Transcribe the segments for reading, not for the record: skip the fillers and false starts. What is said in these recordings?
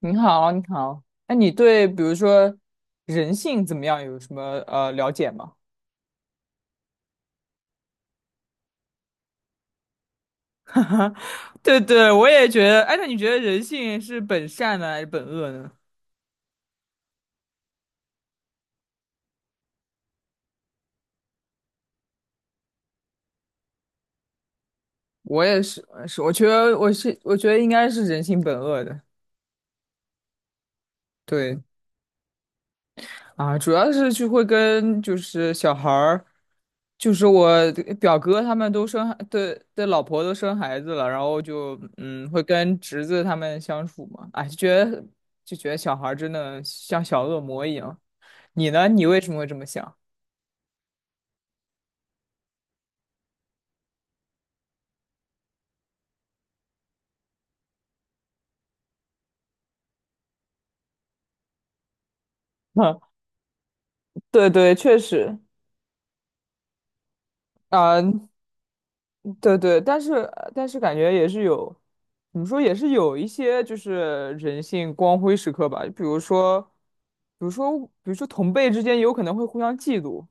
你好，你好。那你对比如说人性怎么样有什么了解吗？对对，我也觉得。哎，那你觉得人性是本善呢，还是本恶呢？我也是，我觉得应该是人性本恶的。对，主要是就会跟就是小孩儿，就是我表哥他们都生孩的老婆都生孩子了，然后就会跟侄子他们相处嘛，哎，就觉得小孩儿真的像小恶魔一样。你呢？你为什么会这么想？对对，确实。啊，对对，但是感觉也是有，怎么说也是有一些就是人性光辉时刻吧，比如说，比如说同辈之间有可能会互相嫉妒。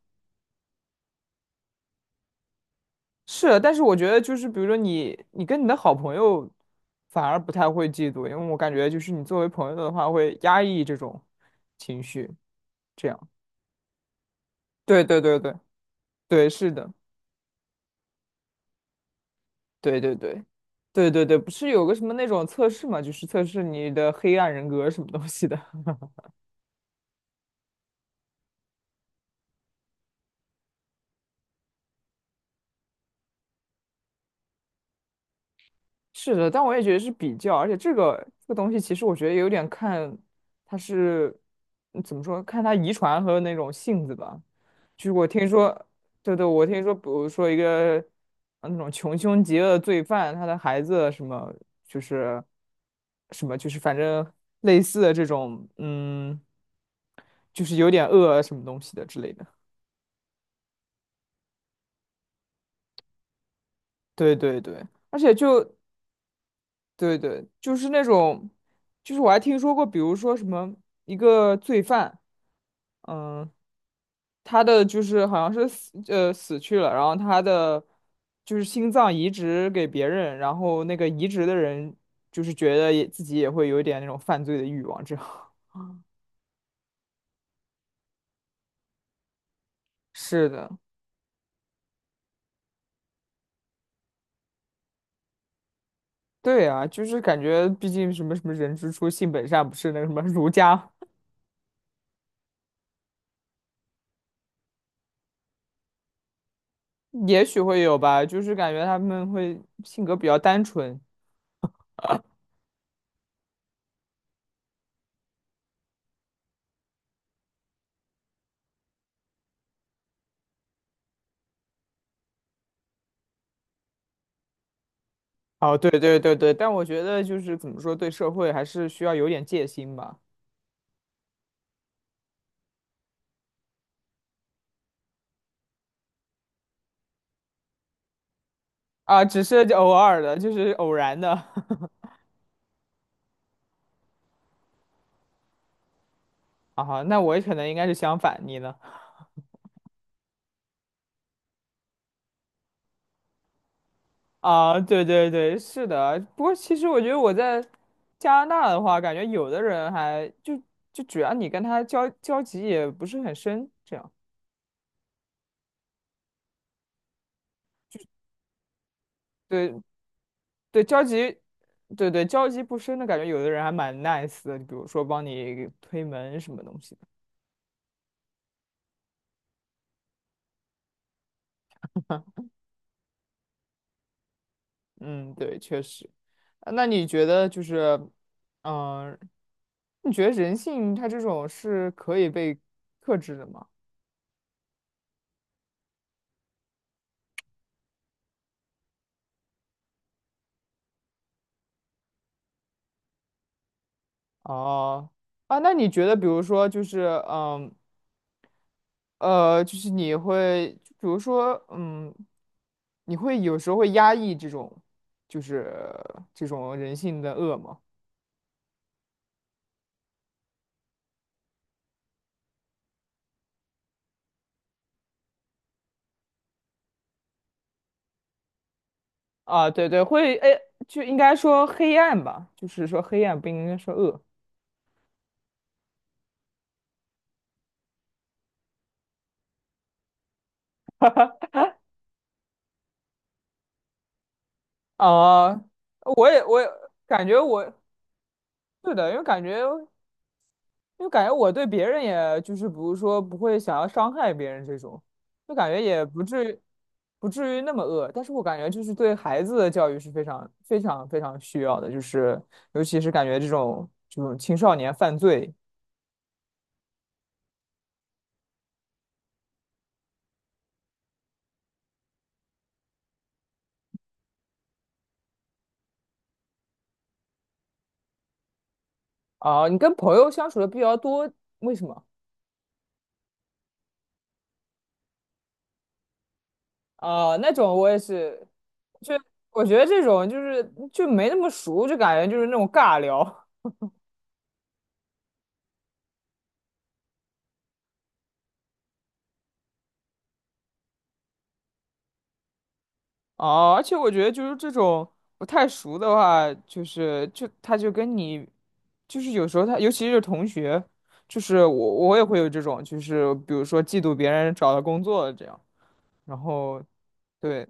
是，但是我觉得就是比如说你跟你的好朋友反而不太会嫉妒，因为我感觉就是你作为朋友的话会压抑这种情绪，这样。对。对，是的，对对对对，不是有个什么那种测试嘛，就是测试你的黑暗人格什么东西的。是的，但我也觉得是比较，而且这个东西其实我觉得有点看它是怎么说，看它遗传和那种性子吧。就是我听说，对对，我听说，比如说一个那种穷凶极恶的罪犯，他的孩子什么就是什么就是反正类似的这种，就是有点恶什么东西的之类的。对对对，而且就对对，就是那种，就是我还听说过，比如说什么一个罪犯。嗯，他的就是好像是死去了，然后他的就是心脏移植给别人，然后那个移植的人就是觉得也自己也会有一点那种犯罪的欲望，这样。是的。对啊，就是感觉毕竟什么什么人之初性本善，不是那个什么 儒家。也许会有吧，就是感觉他们会性格比较单纯。哦，对，但我觉得就是怎么说，对社会还是需要有点戒心吧。啊，只是就偶尔的，就是偶然的。啊，那我可能应该是相反，你呢？啊，对，是的。不过其实我觉得我在加拿大的话，感觉有的人还就主要你跟他交集也不是很深，这样。对对，交集，对对，交集不深的感觉，有的人还蛮 nice 的，比如说帮你推门什么东西的。嗯，对，确实。啊那你觉得就是，嗯、你觉得人性它这种是可以被克制的吗？哦，啊，那你觉得，比如说，就是，嗯，呃，就是你会，就比如说，嗯，你会有时候会压抑这种，就是这种人性的恶吗？对对，会，哎，就应该说黑暗吧，就是说黑暗不应该说恶。啊，我也感觉我，是的，因为感觉。就感觉我对别人也就是比如说不会想要伤害别人这种，就感觉也不至于不至于那么恶，但是我感觉就是对孩子的教育是非常需要的，就是尤其是感觉这种青少年犯罪。啊，你跟朋友相处的比较多，为什么？啊？那种我也是，就我觉得这种就是就没那么熟，就感觉就是那种尬聊。哦，而且我觉得就是这种不太熟的话，就是他跟你，就是有时候他，尤其是同学，就是我也会有这种，就是比如说嫉妒别人找到工作了这样，然后对。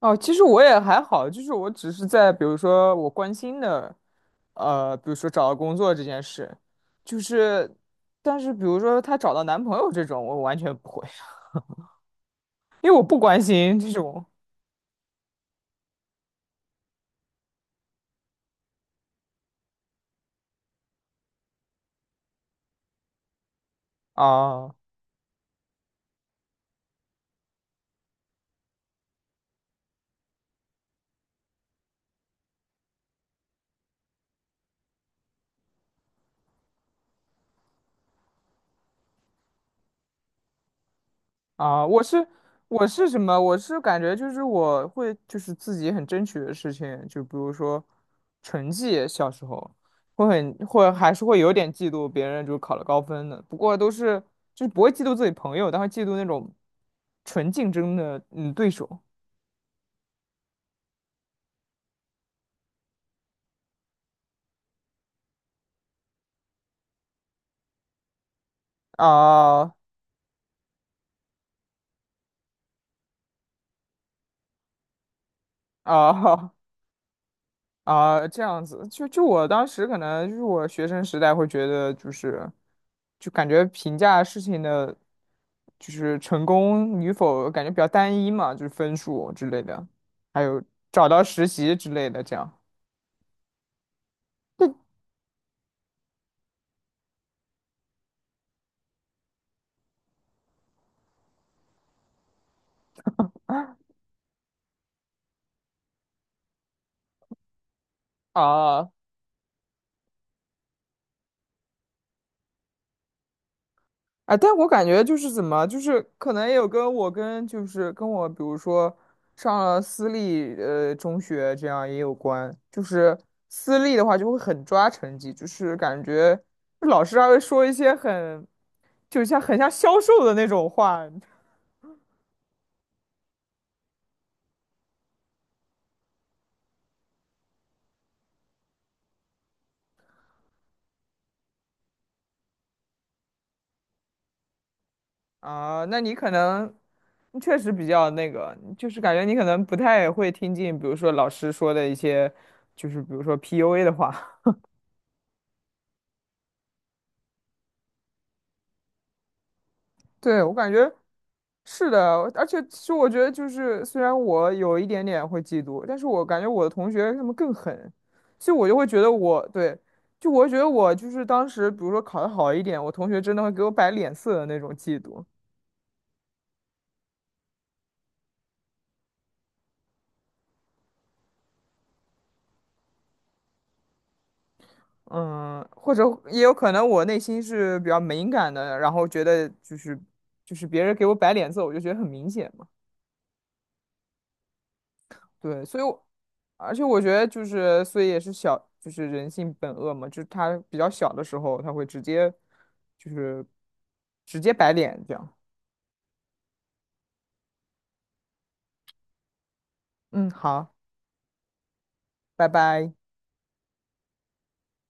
哦，其实我也还好，就是我只是在比如说我关心的，比如说找到工作这件事，就是，但是比如说她找到男朋友这种，我完全不会，因为我不关心这种。啊。啊，我是我是感觉就是我会就是自己很争取的事情，就比如说成绩。小时候会还是会有点嫉妒别人就考了高分的，不过都是就是不会嫉妒自己朋友，但会嫉妒那种纯竞争的对手。啊，啊 啊，这样子，就我当时可能就是我学生时代会觉得，就是就感觉评价事情的，就是成功与否，感觉比较单一嘛，就是分数之类的，还有找到实习之类的这样。啊，哎，但我感觉就是就是可能也有跟我跟就是跟我，比如说上了私立中学这样也有关。就是私立的话就会很抓成绩，就是感觉老师还会说一些就像很像销售的那种话。啊。那你可能你确实比较那个，就是感觉你可能不太会听进，比如说老师说的一些，就是比如说 PUA 的话。对，我感觉。是的，而且其实我觉得就是，虽然我有一点点会嫉妒，但是我感觉我的同学他们更狠，所以我就会觉得我对，我会觉得我就是当时，比如说考得好一点，我同学真的会给我摆脸色的那种嫉妒。嗯，或者也有可能我内心是比较敏感的，然后觉得就是别人给我摆脸色，我就觉得很明显。嘛。对，所以我，而且我觉得就是，所以也是小，就是人性本恶嘛，就是他比较小的时候，他会直接，就是直接摆脸这样。嗯，好，拜拜。